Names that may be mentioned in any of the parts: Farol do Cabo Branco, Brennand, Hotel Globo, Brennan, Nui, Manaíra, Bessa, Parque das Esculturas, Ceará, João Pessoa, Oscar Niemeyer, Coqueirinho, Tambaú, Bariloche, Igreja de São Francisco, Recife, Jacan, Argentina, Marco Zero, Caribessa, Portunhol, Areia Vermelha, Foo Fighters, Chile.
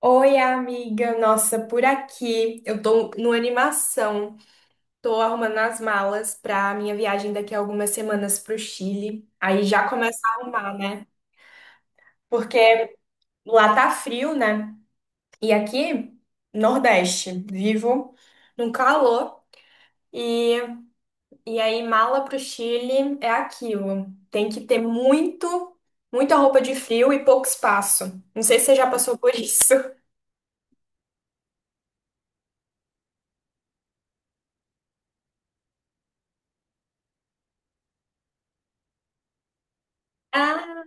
Oi, amiga. Nossa, por aqui. Eu tô numa animação. Tô arrumando as malas pra minha viagem daqui a algumas semanas pro Chile. Aí já começa a arrumar, né? Porque lá tá frio, né? E aqui, Nordeste, vivo num calor. E, e aí, mala pro Chile é aquilo. Tem que ter muito, muita roupa de frio e pouco espaço. Não sei se você já passou por isso. Ah,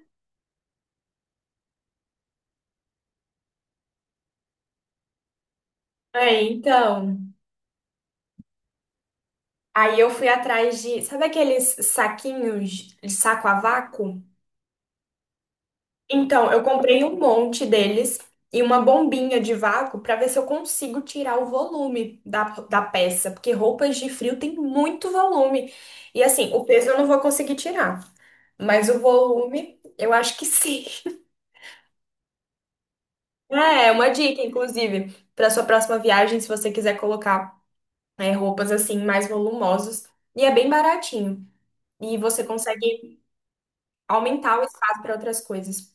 é, então. Aí eu fui atrás de, sabe aqueles saquinhos de saco a vácuo? Então, eu comprei um monte deles e uma bombinha de vácuo para ver se eu consigo tirar o volume da peça, porque roupas de frio tem muito volume. E assim, o peso eu não vou conseguir tirar, mas o volume eu acho que sim. É uma dica, inclusive, para sua próxima viagem, se você quiser colocar, roupas assim mais volumosas. E é bem baratinho. E você consegue aumentar o espaço para outras coisas.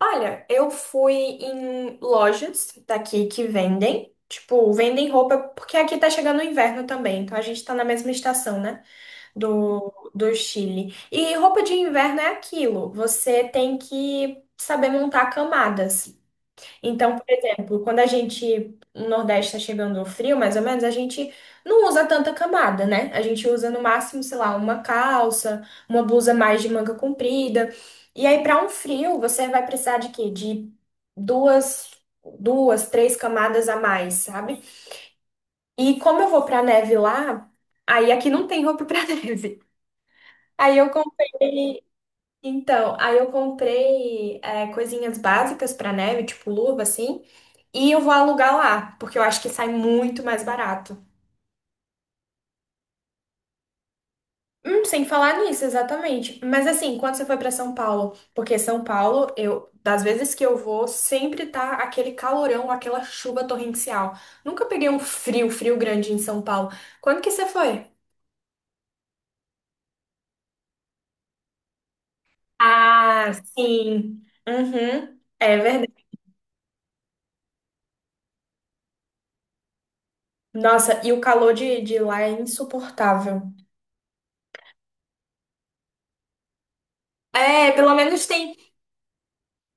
Olha, eu fui em lojas daqui que vendem, tipo, vendem roupa, porque aqui tá chegando o inverno também, então a gente tá na mesma estação, né, do Chile. E roupa de inverno é aquilo, você tem que saber montar camadas. Então, por exemplo, quando a gente, no Nordeste está chegando o frio, mais ou menos, a gente não usa tanta camada, né? A gente usa no máximo, sei lá, uma calça, uma blusa mais de manga comprida. E aí, para um frio, você vai precisar de quê? De duas, duas, três camadas a mais, sabe? E como eu vou pra neve lá, aí aqui não tem roupa pra neve. Aí eu comprei. Então, aí eu comprei coisinhas básicas pra neve, tipo luva, assim, e eu vou alugar lá, porque eu acho que sai muito mais barato. Sem falar nisso, exatamente. Mas assim, quando você foi pra São Paulo? Porque São Paulo, eu, das vezes que eu vou, sempre tá aquele calorão, aquela chuva torrencial. Nunca peguei um frio, frio grande em São Paulo. Quando que você foi? Ah, sim. Uhum, é verdade. Nossa, e o calor de lá é insuportável. É, pelo menos tem.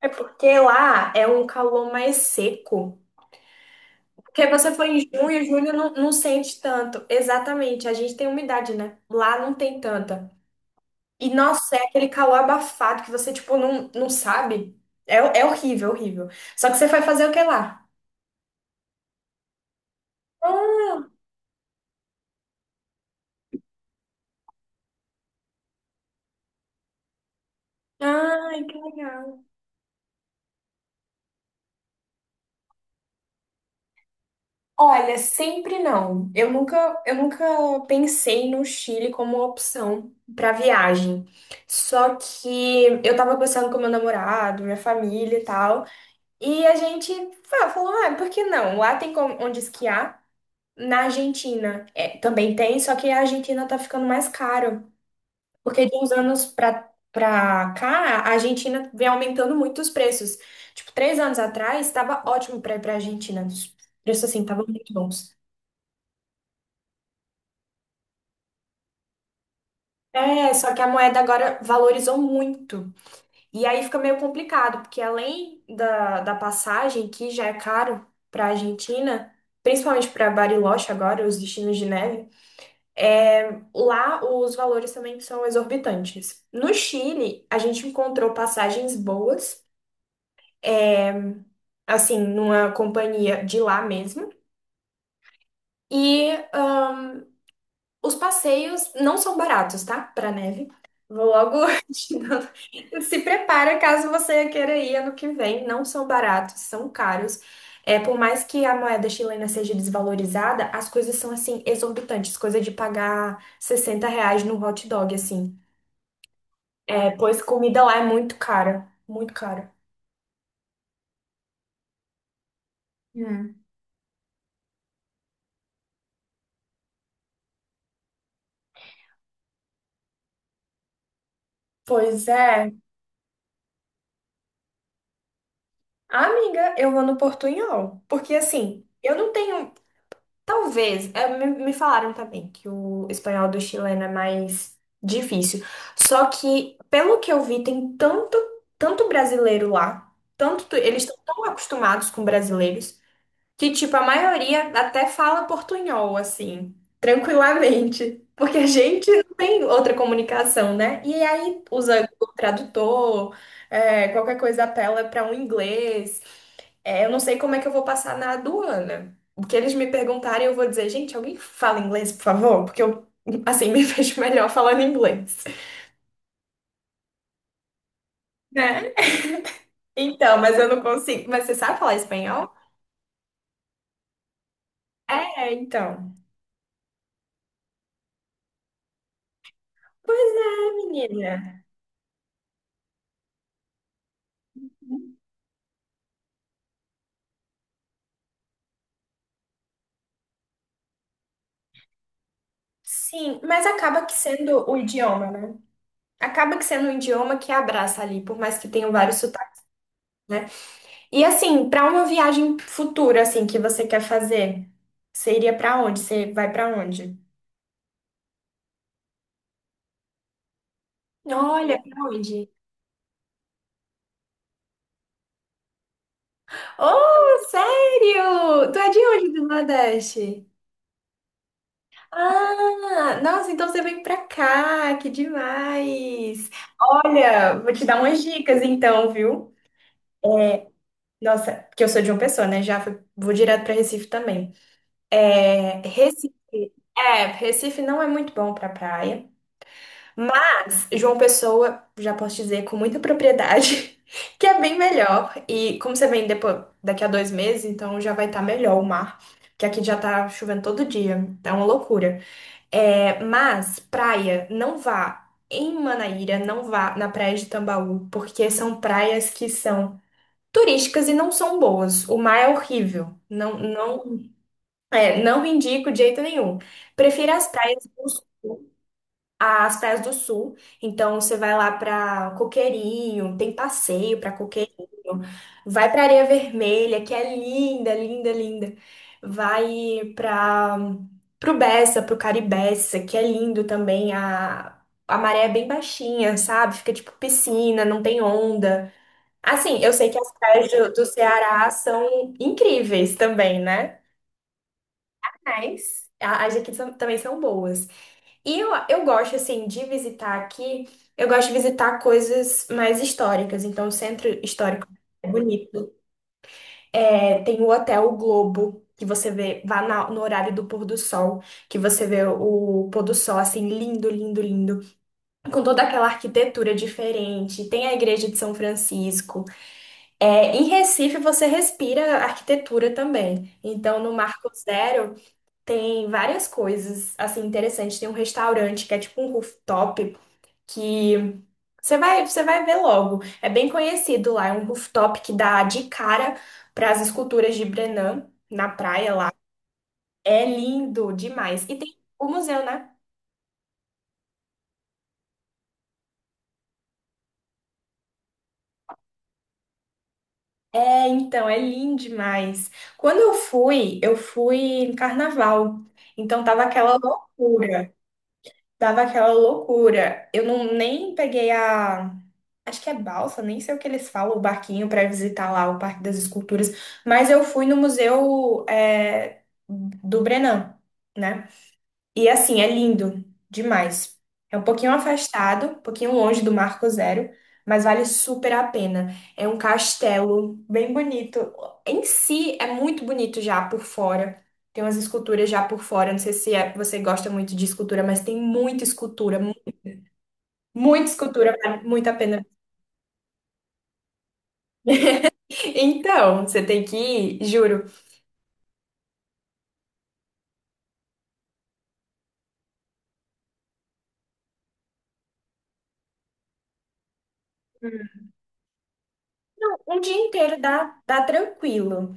É porque lá é um calor mais seco. Porque você foi em junho, julho não, não sente tanto. Exatamente, a gente tem umidade, né? Lá não tem tanta. E nossa, é aquele calor abafado que você, tipo, não, não sabe. É horrível, horrível. Só que você foi fazer o que lá? Ah, ai, que legal. Olha, sempre não. Eu nunca pensei no Chile como opção para viagem. Só que eu tava conversando com meu namorado, minha família e tal, e a gente falou, ah, por que não? Lá onde esquiar. Na Argentina também tem, só que a Argentina tá ficando mais caro, porque de uns anos pra para cá, a Argentina vem aumentando muito os preços. Tipo, três anos atrás, estava ótimo para ir para Argentina. Os preços, assim, estavam muito bons. É, só que a moeda agora valorizou muito. E aí fica meio complicado, porque além da passagem, que já é caro para a Argentina, principalmente para Bariloche agora, os destinos de neve, lá os valores também são exorbitantes. No Chile, a gente encontrou passagens boas, assim, numa companhia de lá mesmo. E os passeios não são baratos, tá? Para neve. Vou logo te dando. Se prepara caso você queira ir ano que vem. Não são baratos, são caros. É, por mais que a moeda chilena seja desvalorizada, as coisas são assim exorbitantes, coisa de pagar 60 reais num hot dog, assim. É, pois comida lá é muito cara, muito cara. Hum. Pois é. Amiga, eu vou no Portunhol, porque assim, eu não tenho. Talvez. É, me falaram também que o espanhol do chileno é mais difícil. Só que, pelo que eu vi, tem tanto, tanto brasileiro lá. Tanto, eles estão tão acostumados com brasileiros que, tipo, a maioria até fala portunhol, assim, tranquilamente. Porque a gente não tem outra comunicação, né? E aí usa o tradutor, é, qualquer coisa apela para um inglês. É, eu não sei como é que eu vou passar na aduana. O que eles me perguntarem, eu vou dizer, gente, alguém fala inglês, por favor? Porque eu, assim, me vejo melhor falando inglês, né? Então, mas eu não consigo. Mas você sabe falar espanhol? É, então. Pois é, menina. Sim, mas acaba que sendo o idioma, né? Acaba que sendo o idioma que abraça ali, por mais que tenham vários sotaques, né? E assim, para uma viagem futura, assim, que você quer fazer, você iria para onde? Você vai para onde? Olha, pra onde? Oh, sério? Tu é de onde do Nordeste? Ah, nossa, então você vem pra cá, que demais. Olha, vou te dar umas dicas então, viu? Nossa, porque eu sou de uma pessoa, né? Vou direto pra Recife também. É, Recife não é muito bom para praia, mas João Pessoa, já posso dizer com muita propriedade, que é bem melhor. E como você vem depois, daqui a dois meses, então já vai estar melhor o mar, que aqui já tá chovendo todo dia, tá uma loucura. É, mas praia, não vá em Manaíra, não vá na praia de Tambaú, porque são praias que são turísticas e não são boas. O mar é horrível, não, não é, não indico de jeito nenhum. Prefiro as praias do sul. Então você vai lá pra Coqueirinho, tem passeio pra Coqueirinho, vai pra Areia Vermelha, que é linda, linda, linda. Vai para pro Bessa, pro Caribessa, que é lindo também. A maré é bem baixinha, sabe? Fica tipo piscina, não tem onda. Assim, eu sei que as praias do Ceará são incríveis também, né? Mas as daqui são, também são boas. E eu gosto, assim, de visitar aqui, eu gosto de visitar coisas mais históricas. Então, o centro histórico é bonito. É, tem o Hotel Globo, que você vê, no horário do pôr do sol, que você vê o pôr do sol, assim, lindo, lindo, lindo. Com toda aquela arquitetura diferente. Tem a Igreja de São Francisco. É, em Recife, você respira arquitetura também. Então, no Marco Zero. Tem várias coisas assim interessantes. Tem um restaurante que é tipo um rooftop que você vai ver logo. É bem conhecido lá, é um rooftop que dá de cara para as esculturas de Brennan na praia lá. É lindo demais. E tem o museu, né? É, então, é lindo demais. Quando eu fui em carnaval. Então tava aquela loucura. Tava aquela loucura. Eu não nem peguei a. Acho que é balsa, nem sei o que eles falam, o barquinho para visitar lá o Parque das Esculturas. Mas eu fui no Museu do Brennand, né? E assim, é lindo demais. É um pouquinho afastado, um pouquinho longe do Marco Zero, mas vale super a pena. É um castelo bem bonito. Em si, é muito bonito já por fora. Tem umas esculturas já por fora. Não sei se você gosta muito de escultura, mas tem muita escultura, muita escultura, vale muito a pena. Então, você tem que ir, juro. Hum. Um dia inteiro dá tranquilo.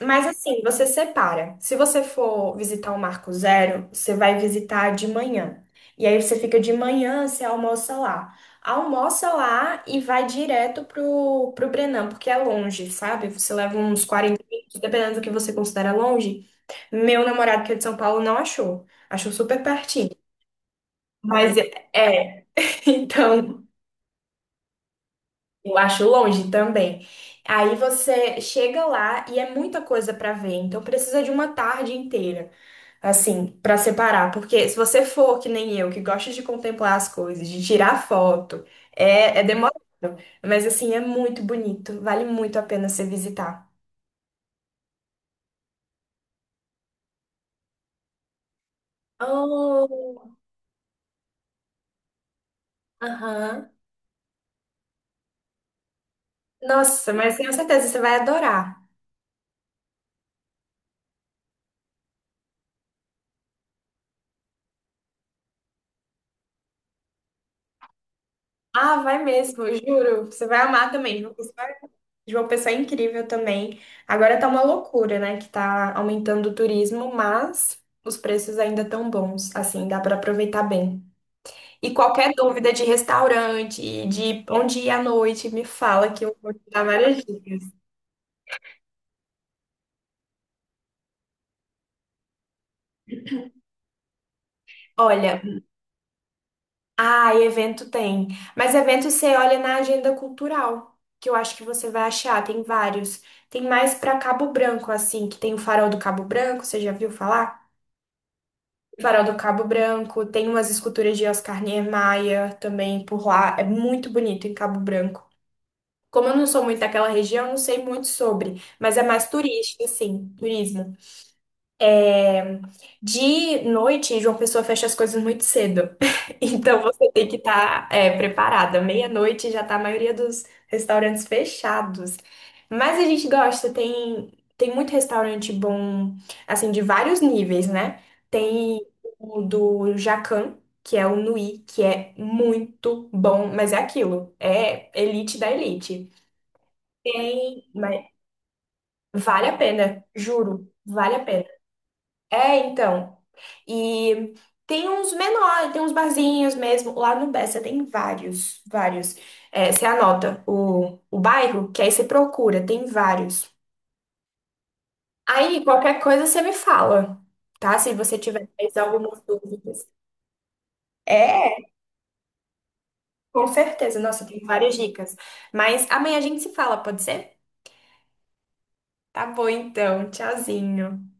Mas assim, você separa. Se você for visitar o Marco Zero, você vai visitar de manhã. E aí você fica de manhã, você almoça lá. Almoça lá e vai direto pro Brennand, porque é longe, sabe? Você leva uns quarenta minutos, dependendo do que você considera longe. Meu namorado, que é de São Paulo, não achou. Achou super pertinho. Mas então. Eu acho longe também. Aí você chega lá e é muita coisa pra ver, então precisa de uma tarde inteira, assim, pra separar, porque se você for que nem eu, que gosta de contemplar as coisas, de tirar foto, é demorado, mas assim, é muito bonito, vale muito a pena você visitar. Oh, aham. Nossa, mas tenho certeza, você vai adorar. Ah, vai mesmo, juro, você vai amar também. De uma pessoa incrível também. Agora tá uma loucura, né? Que tá aumentando o turismo, mas os preços ainda tão bons. Assim, dá pra aproveitar bem. E qualquer dúvida de restaurante, de onde ir à noite, me fala que eu vou te dar várias dicas. Olha, ah, evento tem. Mas evento você olha na agenda cultural, que eu acho que você vai achar, tem vários. Tem mais pra Cabo Branco, assim, que tem o Farol do Cabo Branco, você já viu falar? Farol do Cabo Branco, tem umas esculturas de Oscar Niemeyer também por lá. É muito bonito em Cabo Branco. Como eu não sou muito daquela região, eu não sei muito sobre, mas é mais turístico, assim, turismo. De noite, João Pessoa fecha as coisas muito cedo. Então você tem que estar preparada. Meia-noite já está a maioria dos restaurantes fechados. Mas a gente gosta, tem muito restaurante bom, assim, de vários níveis, né? Tem o do Jacan, que é o Nui, que é muito bom, mas é aquilo, é elite da elite. Tem, mas vale a pena, juro, vale a pena. É, então. E tem uns menores, tem uns barzinhos mesmo. Lá no Bessa tem vários, vários. É, você anota o bairro, que aí você procura, tem vários. Aí, qualquer coisa você me fala, tá? Se você tiver mais algumas dúvidas. É, com certeza. Nossa, tem várias dicas. Mas amanhã a gente se fala, pode ser? Tá bom, então. Tchauzinho.